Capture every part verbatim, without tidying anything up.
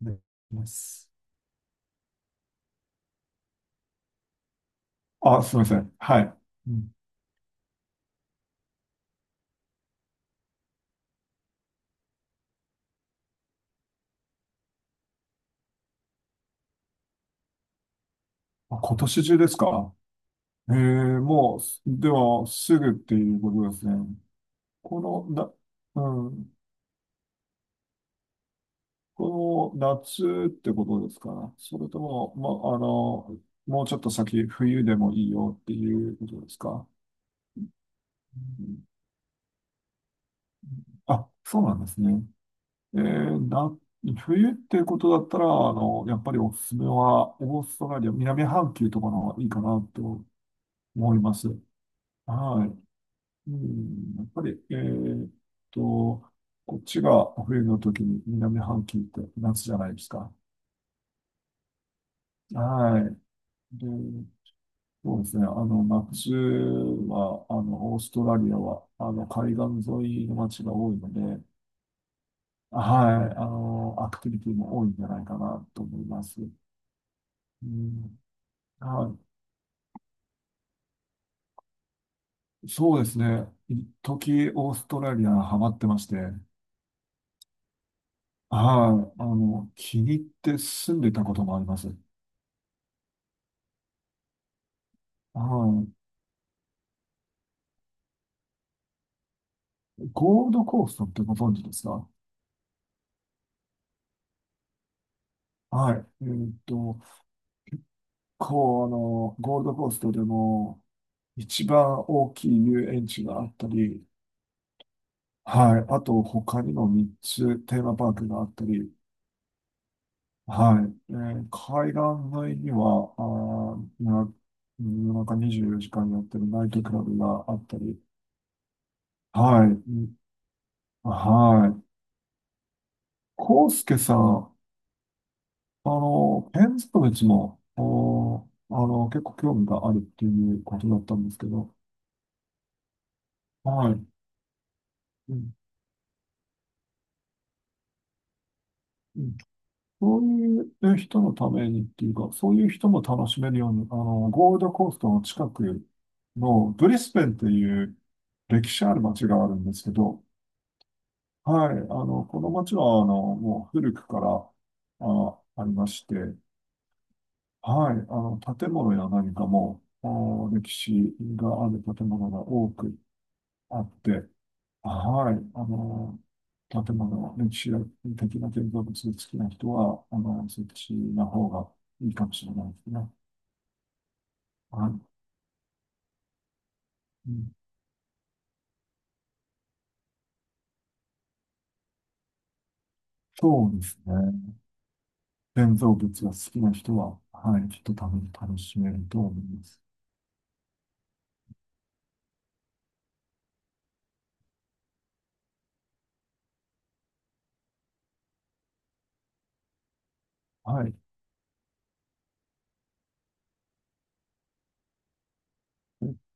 できます。あ、すみません。はい。うん。あ、今年中ですか？ええ。もう、すでは、すぐっていうことですね。この、な、うん、この夏ってことですか？それとも、ま、あの、もうちょっと先、冬でもいいよっていうことですか？うん。あ、そうなんですね。えー、な、冬っていうことだったら、あの、やっぱりおすすめは、オーストラリア、南半球とかの方がいいかなと思います。はい。うん、やっぱり、えーっと、こっちが冬の時に南半球って夏じゃないですか。はい。で、そうですね。あの、夏は、あの、オーストラリアは、あの、海岸沿いの街が多いので、はい。あの、アクティビティも多いんじゃないかなと思います。うん、はい。そうですね。一時オーストラリアハマってまして、はい。あの、気に入って住んでたこともあります。はい。ゴールドコーストってご存知ですか？はい。えーっと、こう、あの、ゴールドコーストでも一番大きい遊園地があったり、はい。あと、他にもみっつテーマパークがあったり、はい。えー海岸沿いには、あー、な夜中にじゅうよじかんやってるナイトクラブがあったり、はい。うん。はい。コウスケさん、あの、建築物も、おあの、結構興味があるっていうことだったんですけど、はい。うん、うん。そういう人のためにっていうか、そういう人も楽しめるように、あの、ゴールドコーストの近くのブリスベンっていう歴史ある街があるんですけど、はい。あの、この街は、あの、もう古くから、あ、ありまして、はい。あの、建物や何かも、あ歴史がある建物が多くあって、はい。あの、建物の歴史的な建造物好きな人は、あの、そっちの方がいいかもしれないですね。はい。うん。そうですね。建造物が好きな人は、はい、きっと楽楽しめると思います。はい。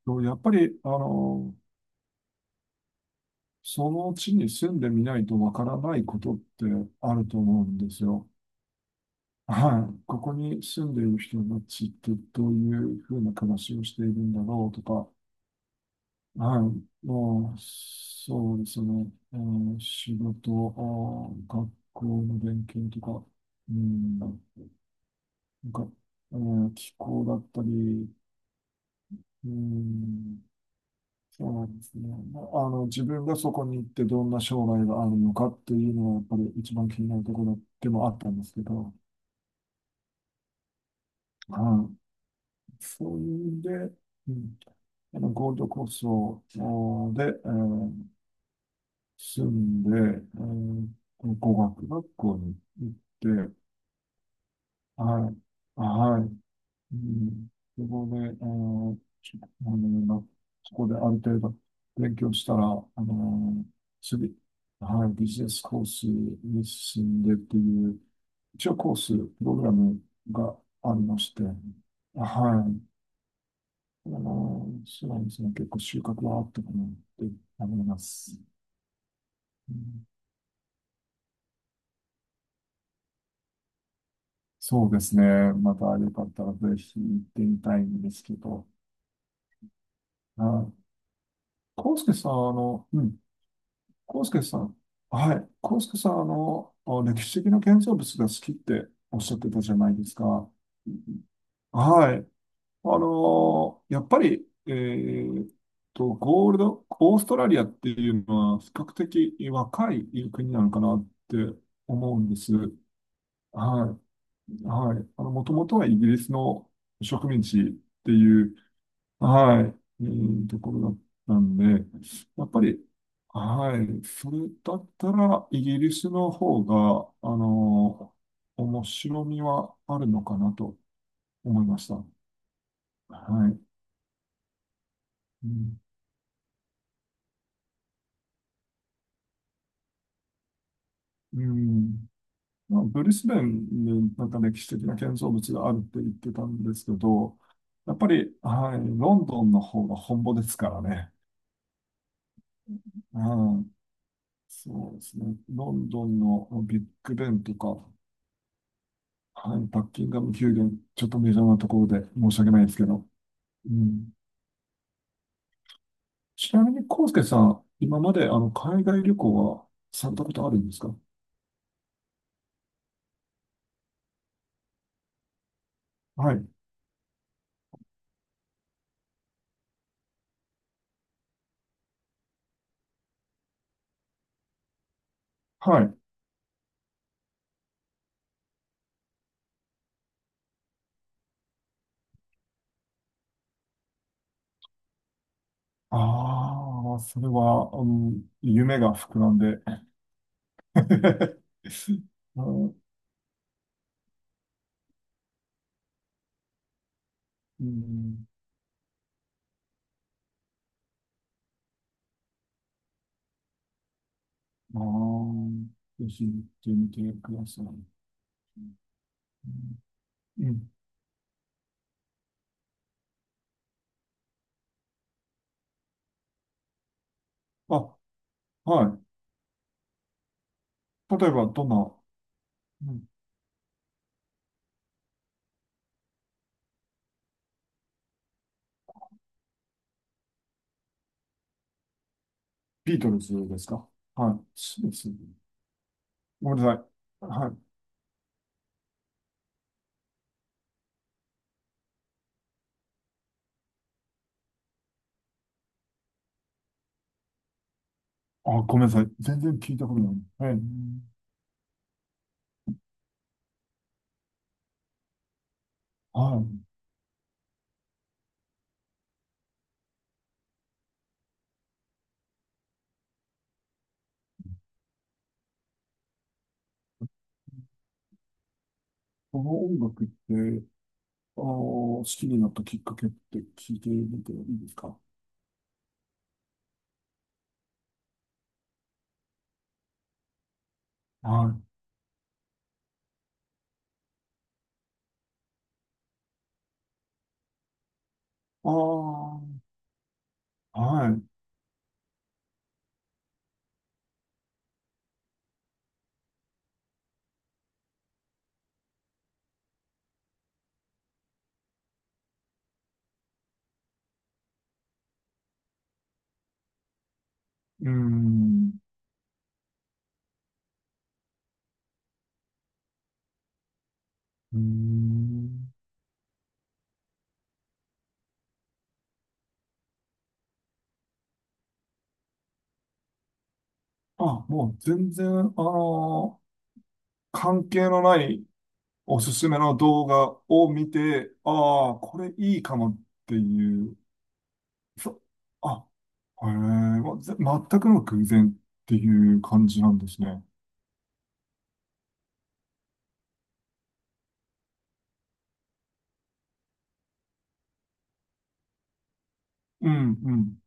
とやっぱり、あの、その地に住んでみないとわからないことってあると思うんですよ。はい。ここに住んでいる人たちってどういうふうな暮らしをしているんだろうとか、はい。もう、そうですね。あの仕事、あ学校の勉強とか、うん、なんか、えー気候だったり、うん、そうなんですね。まああの、自分がそこに行ってどんな将来があるのかっていうのは、やっぱり一番気になるところでもあったんですけど、はい。そういうんで、うん、あのゴールドコーストをで、えー住んで、えー語学学校に行って、はい、あはい、うん、そこで、あの、ちょあのそこである程度勉強したら、あの、次、はい、ビジネスコースに進んでっていう、一応コース、プログラムがありまして、はい、あの、そうですね、結構収穫はあったかなって思います。うん。そうですね。またよかったらぜひ行ってみたいんですけど。はい。康介さん、あの、うん、康介さん、はい、康介さん、あの、あ歴史的な建造物が好きっておっしゃってたじゃないですか。はい。あのーやっぱり、えーっと、ゴールド、オーストラリアっていうのは比較的若い国なのかなって思うんです。はい。はい。あの、もともとはイギリスの植民地っていう、はい、えーところだったんで、やっぱり、はい、それだったら、イギリスの方が、あの、面白みはあるのかなと思いました。はい。うん。うん。まあ、ブリスベンになんか歴史的な建造物があるって言ってたんですけど、やっぱり、はい、ロンドンの方が本場ですからね。うん、そうですね。ロンドンのビッグベンとか、はい、バッキンガム宮殿、ちょっとメジャーなところで申し訳ないですけど。うん、ちなみに、康介さん、今まであの海外旅行はされたことあるんですか？はい。はい。ああ、それは、うん、夢が膨らんで。あ、うん、ああ、ぜひ行ってみてください。うん。うん。あ、はい。例えば、どんな、うん、ビートルズですか？はい。そうですね。ごめんなさい。はい。あ、ごめんなさい。全然聞いたことない。はい。はい。この音楽って、あー、好きになったきっかけって聞いてみていいですか？はい。ああ、はい。うーん。うーん。あ、もう全然、あの関係のないおすすめの動画を見て、ああ、これいいかもっていう、そ、あ、へえ、ま、ぜ全くの偶然っていう感じなんですね。うん、うん、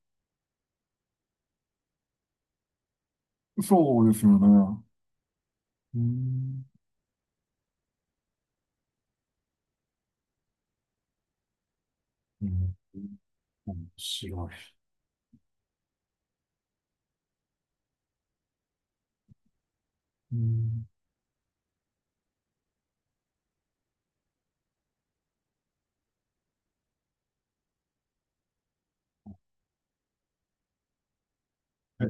そうですよね。うん。うん、面白い。うん、え、え、